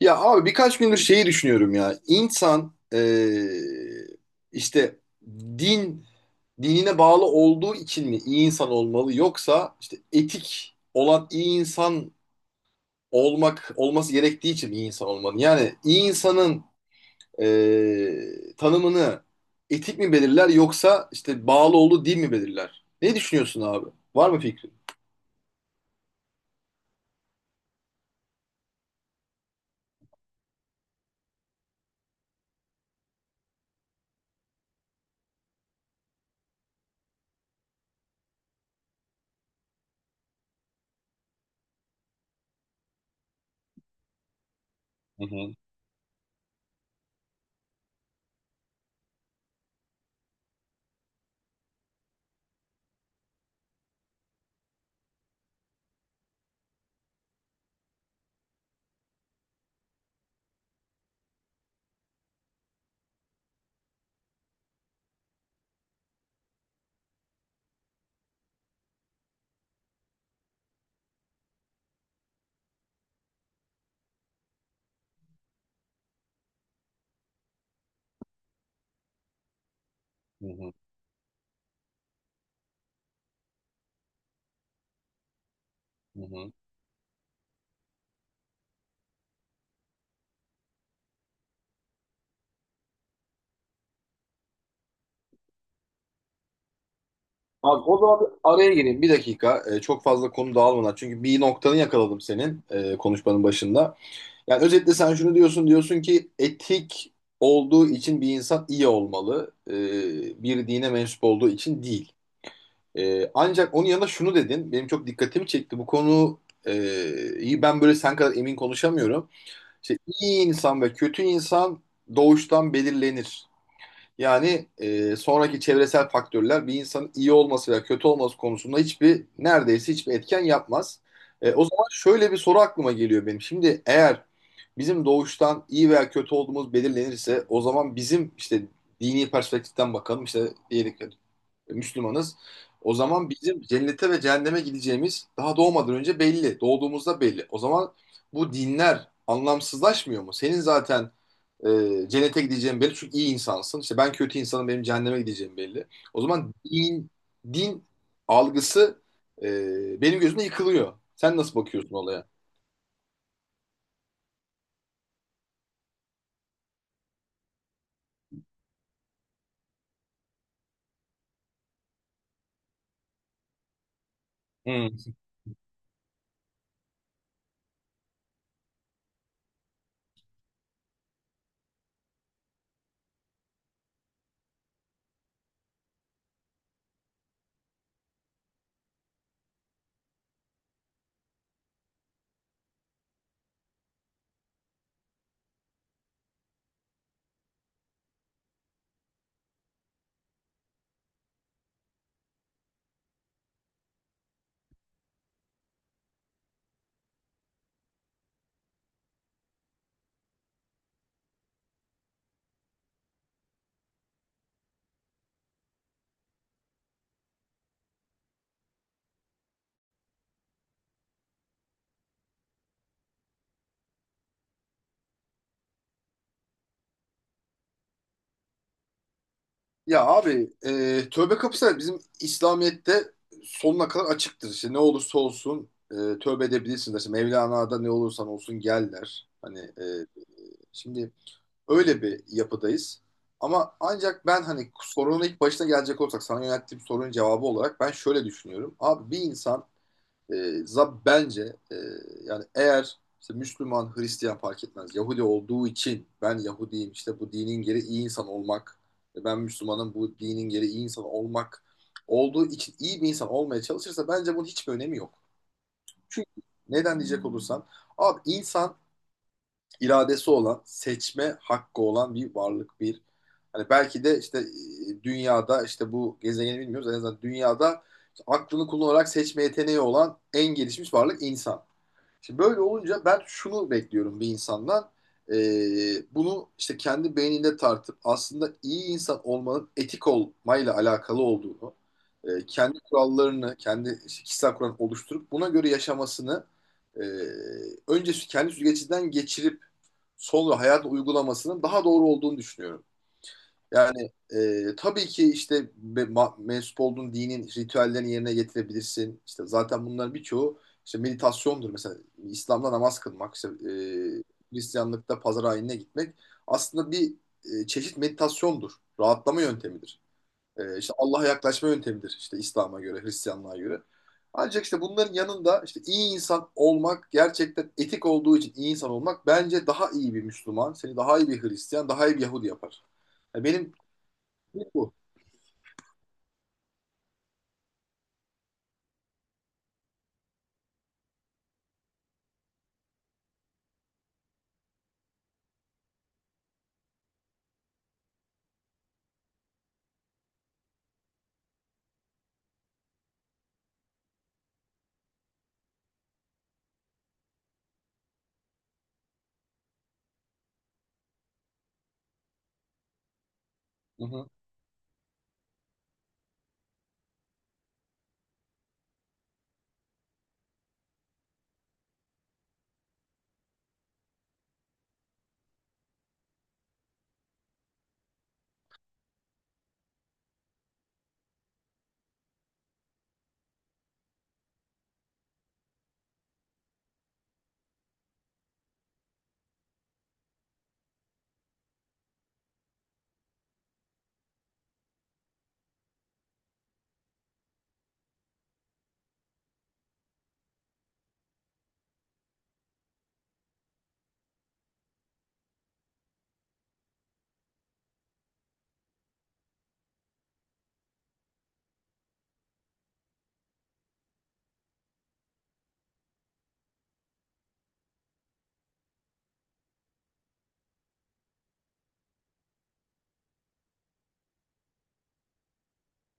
Ya abi birkaç gündür şeyi düşünüyorum ya. İnsan işte din dinine bağlı olduğu için mi iyi insan olmalı yoksa işte etik olan iyi insan olması gerektiği için mi iyi insan olmalı? Yani iyi insanın tanımını etik mi belirler yoksa işte bağlı olduğu din mi belirler? Ne düşünüyorsun abi? Var mı fikrin? Hı hı, hı hı, hı hı. Abi o zaman bir araya gireyim bir dakika. Çok fazla konu dağılmadan. Çünkü bir noktanı yakaladım senin konuşmanın başında. Yani özetle sen şunu diyorsun. Diyorsun ki etik olduğu için bir insan iyi olmalı. Bir dine mensup olduğu için değil. Ancak onun yanında şunu dedin. Benim çok dikkatimi çekti. Bu konu e, iyi ben böyle sen kadar emin konuşamıyorum. İşte iyi insan ve kötü insan doğuştan belirlenir. Yani sonraki çevresel faktörler bir insanın iyi olması veya kötü olması konusunda hiçbir neredeyse hiçbir etken yapmaz. O zaman şöyle bir soru aklıma geliyor benim. Şimdi eğer bizim doğuştan iyi veya kötü olduğumuz belirlenirse o zaman bizim işte dini perspektiften bakalım işte diyelim ki Müslümanız. O zaman bizim cennete ve cehenneme gideceğimiz daha doğmadan önce belli. Doğduğumuzda belli. O zaman bu dinler anlamsızlaşmıyor mu? Senin zaten cennete gideceğim belli çünkü iyi insansın. İşte ben kötü insanım benim cehenneme gideceğim belli. O zaman din algısı benim gözümde yıkılıyor. Sen nasıl bakıyorsun olaya? Hmm. Ya abi tövbe kapısı bizim İslamiyet'te sonuna kadar açıktır. İşte ne olursa olsun tövbe edebilirsiniz. İşte Mevlana'da ne olursan olsun gel der. Hani e, şimdi Öyle bir yapıdayız. Ama ancak ben hani sorunun ilk başına gelecek olsak sana yönelttiğim sorunun cevabı olarak ben şöyle düşünüyorum. Abi bir insan e, za- bence e, yani eğer işte Müslüman, Hristiyan fark etmez. Yahudi olduğu için ben Yahudiyim işte bu dinin gereği iyi insan olmak ve ben Müslümanım bu dinin gereği iyi insan olmak olduğu için iyi bir insan olmaya çalışırsa bence bunun hiçbir önemi yok. Çünkü neden diyecek olursan abi insan iradesi olan, seçme hakkı olan bir varlık bir. Hani belki de işte dünyada işte bu gezegeni bilmiyoruz en azından dünyada işte aklını kullanarak seçme yeteneği olan en gelişmiş varlık insan. Şimdi böyle olunca ben şunu bekliyorum bir insandan. E, Bunu işte kendi beyninde tartıp aslında iyi insan olmanın etik olmayla alakalı olduğunu, kendi kurallarını, kendi işte kişisel kuralını oluşturup buna göre yaşamasını e, önce kendi süzgecinden geçirip sol ve hayat uygulamasının daha doğru olduğunu düşünüyorum. Yani tabii ki işte mensup olduğun dinin ritüellerini yerine getirebilirsin. İşte zaten bunların birçoğu işte meditasyondur mesela. İslam'da namaz kılmak, işte, Hristiyanlıkta pazar ayinine gitmek aslında bir çeşit meditasyondur. Rahatlama yöntemidir. İşte Allah'a yaklaşma yöntemidir işte İslam'a göre, Hristiyanlığa göre. Ancak işte bunların yanında işte iyi insan olmak gerçekten etik olduğu için iyi insan olmak bence daha iyi bir Müslüman, seni daha iyi bir Hristiyan, daha iyi bir Yahudi yapar. Ya benim şey bu. Hı hı.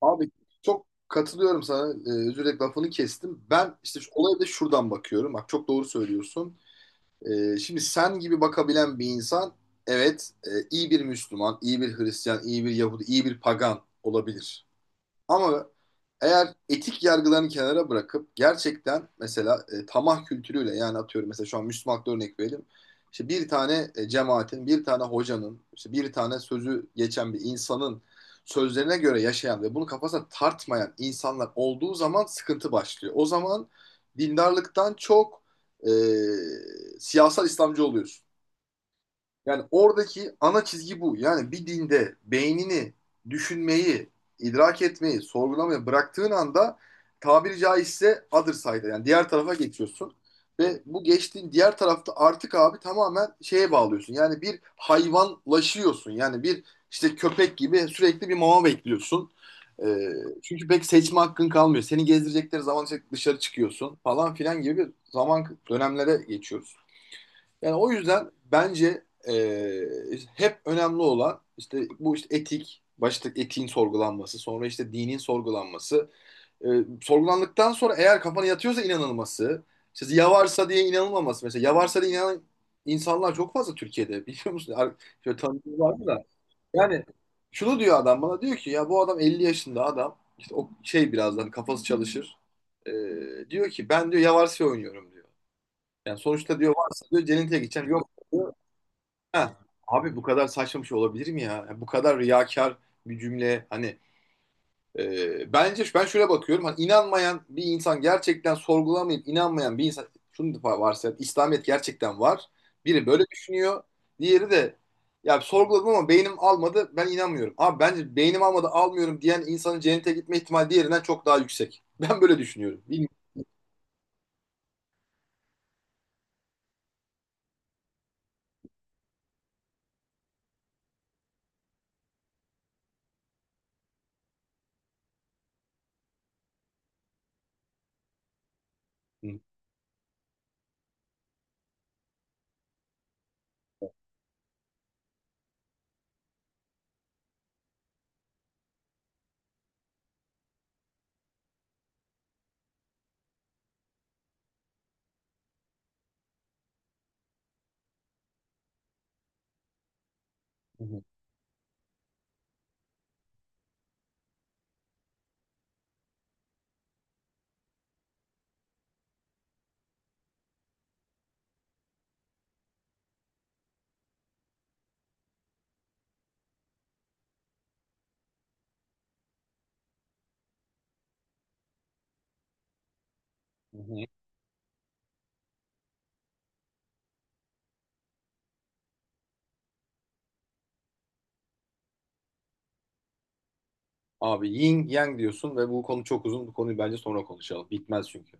Abi çok katılıyorum sana. Özür dilerim lafını kestim. Ben işte şu olaya da şuradan bakıyorum. Bak çok doğru söylüyorsun. Şimdi sen gibi bakabilen bir insan evet iyi bir Müslüman, iyi bir Hristiyan, iyi bir Yahudi, iyi bir pagan olabilir. Ama eğer etik yargılarını kenara bırakıp gerçekten mesela tamah kültürüyle yani atıyorum mesela şu an Müslümanlıkta örnek verelim. İşte bir tane cemaatin, bir tane hocanın, işte bir tane sözü geçen bir insanın sözlerine göre yaşayan ve bunu kafasına tartmayan insanlar olduğu zaman sıkıntı başlıyor. O zaman dindarlıktan çok e, siyasal İslamcı oluyorsun. Yani oradaki ana çizgi bu. Yani bir dinde beynini düşünmeyi, idrak etmeyi, sorgulamayı bıraktığın anda tabiri caizse other side'a yani diğer tarafa geçiyorsun. Ve bu geçtiğin diğer tarafta artık abi tamamen şeye bağlıyorsun. Yani bir hayvanlaşıyorsun. Yani bir işte köpek gibi sürekli bir mama bekliyorsun. Ee, Çünkü pek seçme hakkın kalmıyor. Seni gezdirecekleri zaman işte dışarı çıkıyorsun falan filan gibi bir zaman dönemlere geçiyoruz. Yani o yüzden bence e, hep önemli olan işte bu işte etik, başta etiğin sorgulanması, sonra işte dinin sorgulanması, e, sorgulandıktan sonra eğer kafana yatıyorsa inanılması, işte yavarsa diye inanılmaması mesela yavarsa diye inanan insanlar çok fazla Türkiye'de biliyor musun? Ar- Şöyle tanıdığım var mı da yani şunu diyor adam bana diyor ki ya bu adam 50 yaşında adam işte o şey birazdan kafası çalışır. E, Diyor ki ben diyor yavarsa oynuyorum diyor. Yani sonuçta diyor varsa diyor cennete gideceğim yok diyor Ha, abi bu kadar saçma bir şey olabilir mi ya? Ya bu kadar riyakar bir cümle hani bence ben şöyle bakıyorum hani inanmayan bir insan gerçekten sorgulamayıp inanmayan bir insan şunu da varsayalım İslamiyet gerçekten var. Biri böyle düşünüyor. Diğeri de ya sorguladım ama beynim almadı ben inanmıyorum. Abi bence beynim almadı almıyorum diyen insanın cennete gitme ihtimali diğerinden çok daha yüksek. Ben böyle düşünüyorum. Bilmiyorum. Hı hı, hı hı. Abi yin yang diyorsun ve bu konu çok uzun. Bu konuyu bence sonra konuşalım. Bitmez çünkü.